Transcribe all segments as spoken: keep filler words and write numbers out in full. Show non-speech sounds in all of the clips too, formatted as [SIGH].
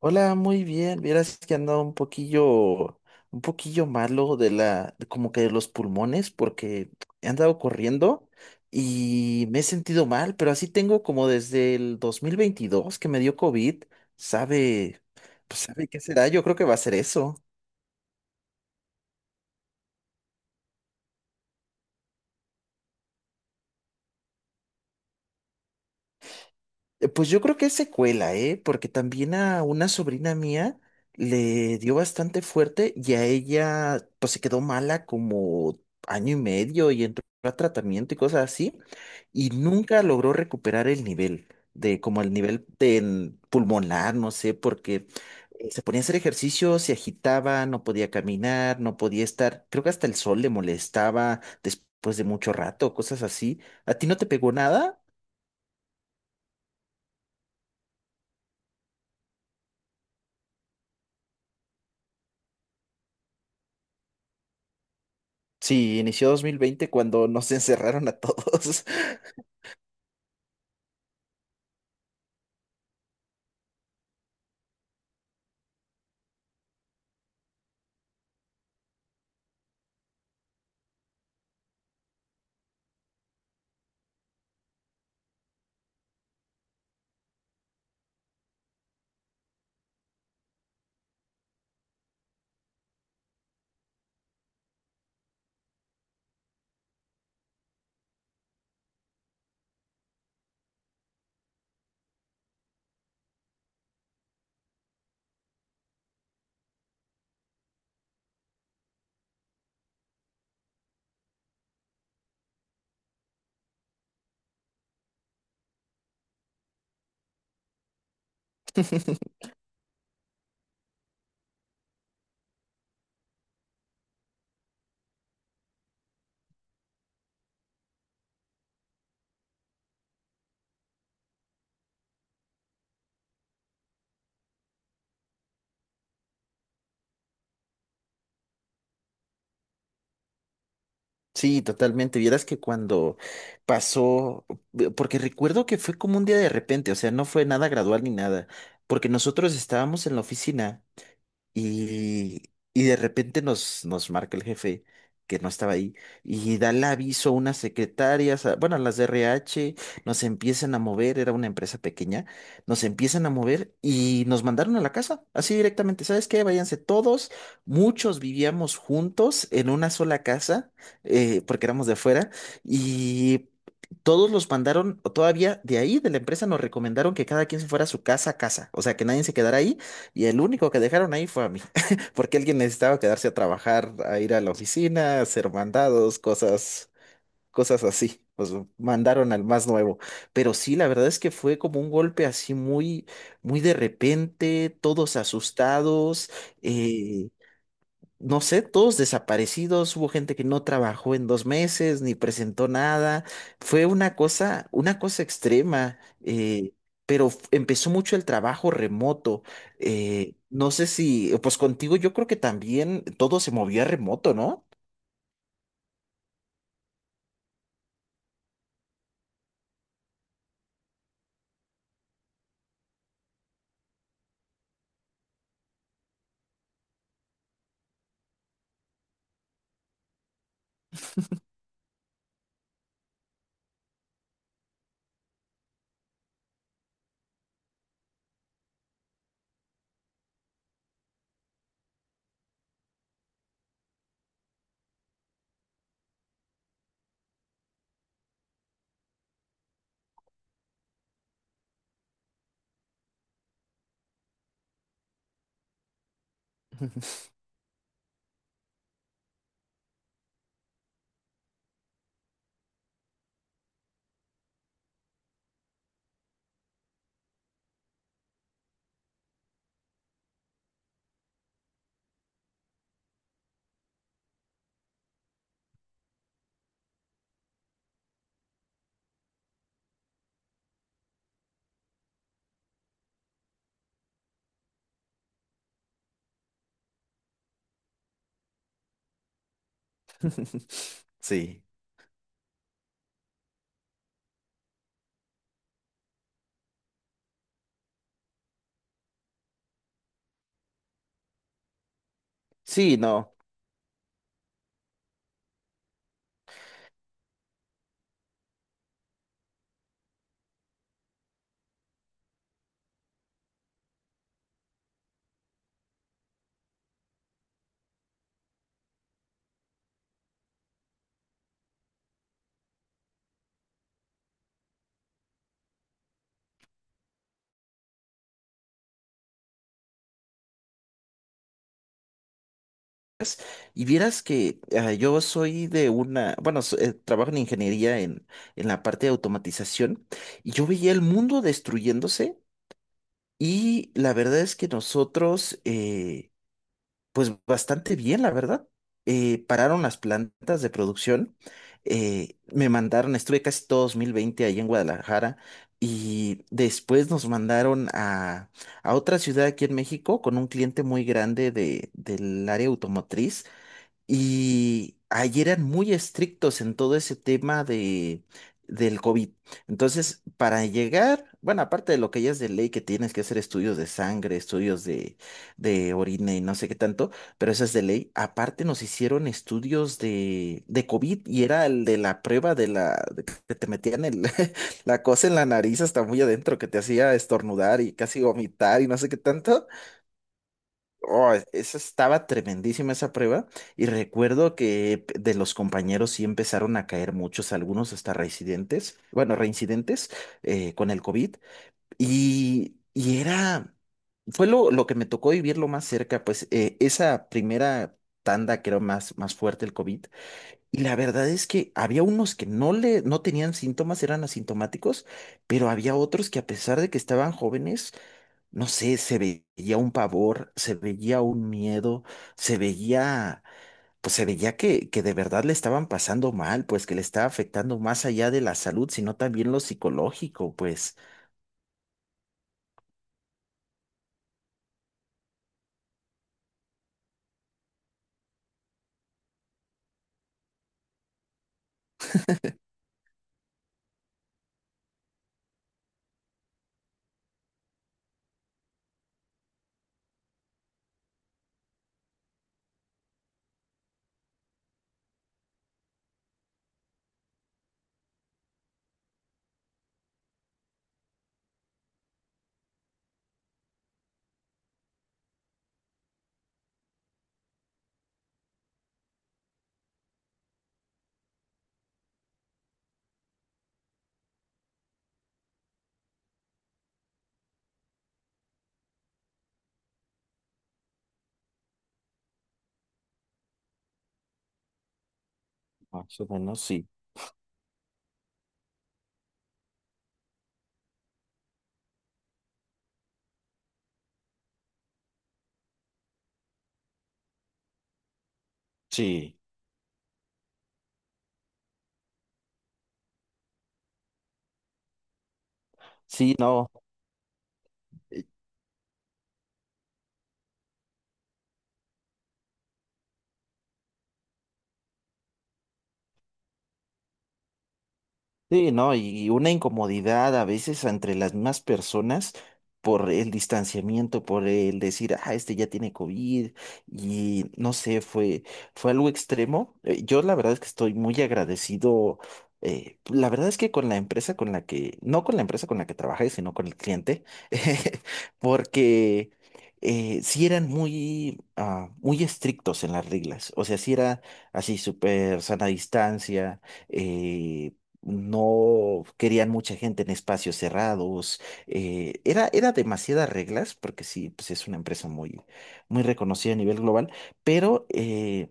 Hola, muy bien. Vieras que andaba un poquillo, un poquillo malo de la, de como que de los pulmones, porque he andado corriendo y me he sentido mal, pero así tengo como desde el dos mil veintidós que me dio COVID. Sabe, pues sabe qué será. Yo creo que va a ser eso. Eh, Pues yo creo que es secuela, ¿eh? Porque también a una sobrina mía le dio bastante fuerte y a ella pues se quedó mala como año y medio y entró a tratamiento y cosas así y nunca logró recuperar el nivel de como el nivel de en pulmonar, no sé, porque eh, se ponía a hacer ejercicio, se agitaba, no podía caminar, no podía estar, creo que hasta el sol le molestaba después de mucho rato, cosas así. ¿A ti no te pegó nada? Sí, inició dos mil veinte cuando nos [LAUGHS] encerraron a todos. [LAUGHS] Sí, totalmente. Vieras que cuando pasó, eh, porque recuerdo que fue como un día de repente, o sea, no fue nada gradual ni nada, porque nosotros estábamos en la oficina. Y, y de repente nos, nos marca el jefe que no estaba ahí y da el aviso a unas secretarias, a- bueno, a las de R H, nos empiezan a mover, era una empresa pequeña, nos empiezan a mover y nos mandaron a la casa, así directamente. ¿Sabes qué? Váyanse todos, muchos vivíamos juntos en una sola casa, eh, porque éramos de afuera, y todos los mandaron, o todavía de ahí, de la empresa, nos recomendaron que cada quien se fuera a su casa a casa, o sea, que nadie se quedara ahí y el único que dejaron ahí fue a mí, [LAUGHS] porque alguien necesitaba quedarse a trabajar, a ir a la oficina, a hacer mandados, cosas, cosas así. Pues mandaron al más nuevo. Pero sí, la verdad es que fue como un golpe así muy, muy de repente, todos asustados. eh, no sé, todos desaparecidos, hubo gente que no trabajó en dos meses, ni presentó nada, fue una cosa, una cosa, extrema, eh, pero f- empezó mucho el trabajo remoto, eh, no sé si, pues contigo yo creo que también todo se movía remoto, ¿no? [LAUGHS] Sí. Sí, no. Y vieras que ah, yo soy de una, bueno, so- eh, trabajo en ingeniería en, en la parte de automatización y yo veía el mundo destruyéndose. Y la verdad es que nosotros, eh, pues bastante bien, la verdad. Eh, pararon las plantas de producción, eh, me mandaron, estuve casi todo dos mil veinte ahí en Guadalajara y después nos mandaron a, a otra ciudad aquí en México con un cliente muy grande de, del área automotriz y ahí eran muy estrictos en todo ese tema de, del COVID. Entonces, para llegar, bueno, aparte de lo que ya es de ley, que tienes que hacer estudios de sangre, estudios de, de orina y no sé qué tanto, pero eso es de ley. Aparte nos hicieron estudios de, de COVID y era el de la prueba de la, de que te metían el, [LAUGHS] la cosa en la nariz hasta muy adentro, que te hacía estornudar y casi vomitar y no sé qué tanto. Oh, esa estaba tremendísima esa prueba y recuerdo que p- de los compañeros sí empezaron a caer muchos, algunos hasta reincidentes, bueno, reincidentes eh, con el COVID y, y, era, fue lo, lo que me tocó vivir lo más cerca, pues eh, esa primera tanda que era más, más fuerte el COVID y la verdad es que había unos que no le, no tenían síntomas, eran asintomáticos, pero había otros que a pesar de que estaban jóvenes, no sé, se veía un pavor, se veía un miedo, se veía, pues se veía que, que, de verdad le estaban pasando mal, pues que le estaba afectando más allá de la salud, sino también lo psicológico, pues. Más o menos, sí. Sí, sí, no. Sí, ¿no? Y una incomodidad a veces entre las mismas personas por el distanciamiento, por el decir, ah, este ya tiene COVID y no sé, fue, fue algo extremo. Eh, Yo la verdad es que estoy muy agradecido. eh, la verdad es que con la empresa con la que, no con la empresa con la que trabajé, sino con el cliente, [LAUGHS] porque eh, sí eran muy, ah, muy estrictos en las reglas. O sea, sí era así súper sana distancia. eh, no querían mucha gente en espacios cerrados. eh, era, era demasiadas reglas, porque sí, pues es una empresa muy, muy reconocida a nivel global, pero eh,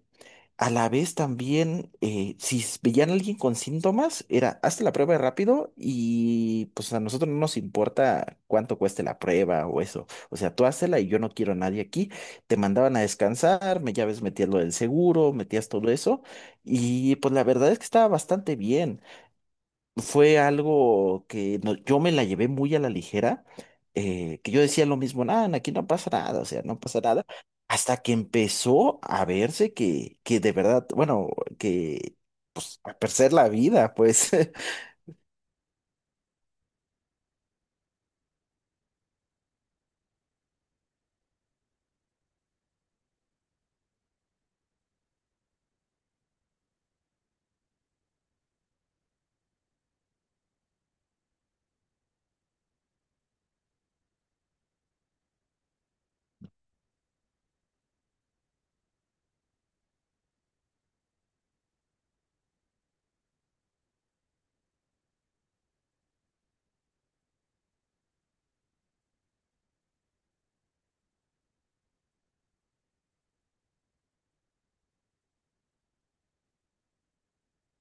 a la vez también, eh, si s- veían a alguien con síntomas, era hazte la prueba rápido y pues a nosotros no nos importa cuánto cueste la prueba o eso. O sea, tú hazla y yo no quiero a nadie aquí. Te mandaban a descansar, me, ya ves, metías lo del seguro, metías todo eso. Y pues la verdad es que estaba bastante bien. Fue algo que no- yo me la llevé muy a la ligera, eh, que yo decía lo mismo, nada, aquí no pasa nada, o sea, no pasa nada, hasta que empezó a verse que, que, de verdad, bueno, que pues a perder la vida, pues. [LAUGHS]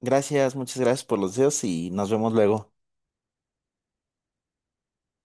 Gracias, muchas gracias por los deseos y nos vemos luego.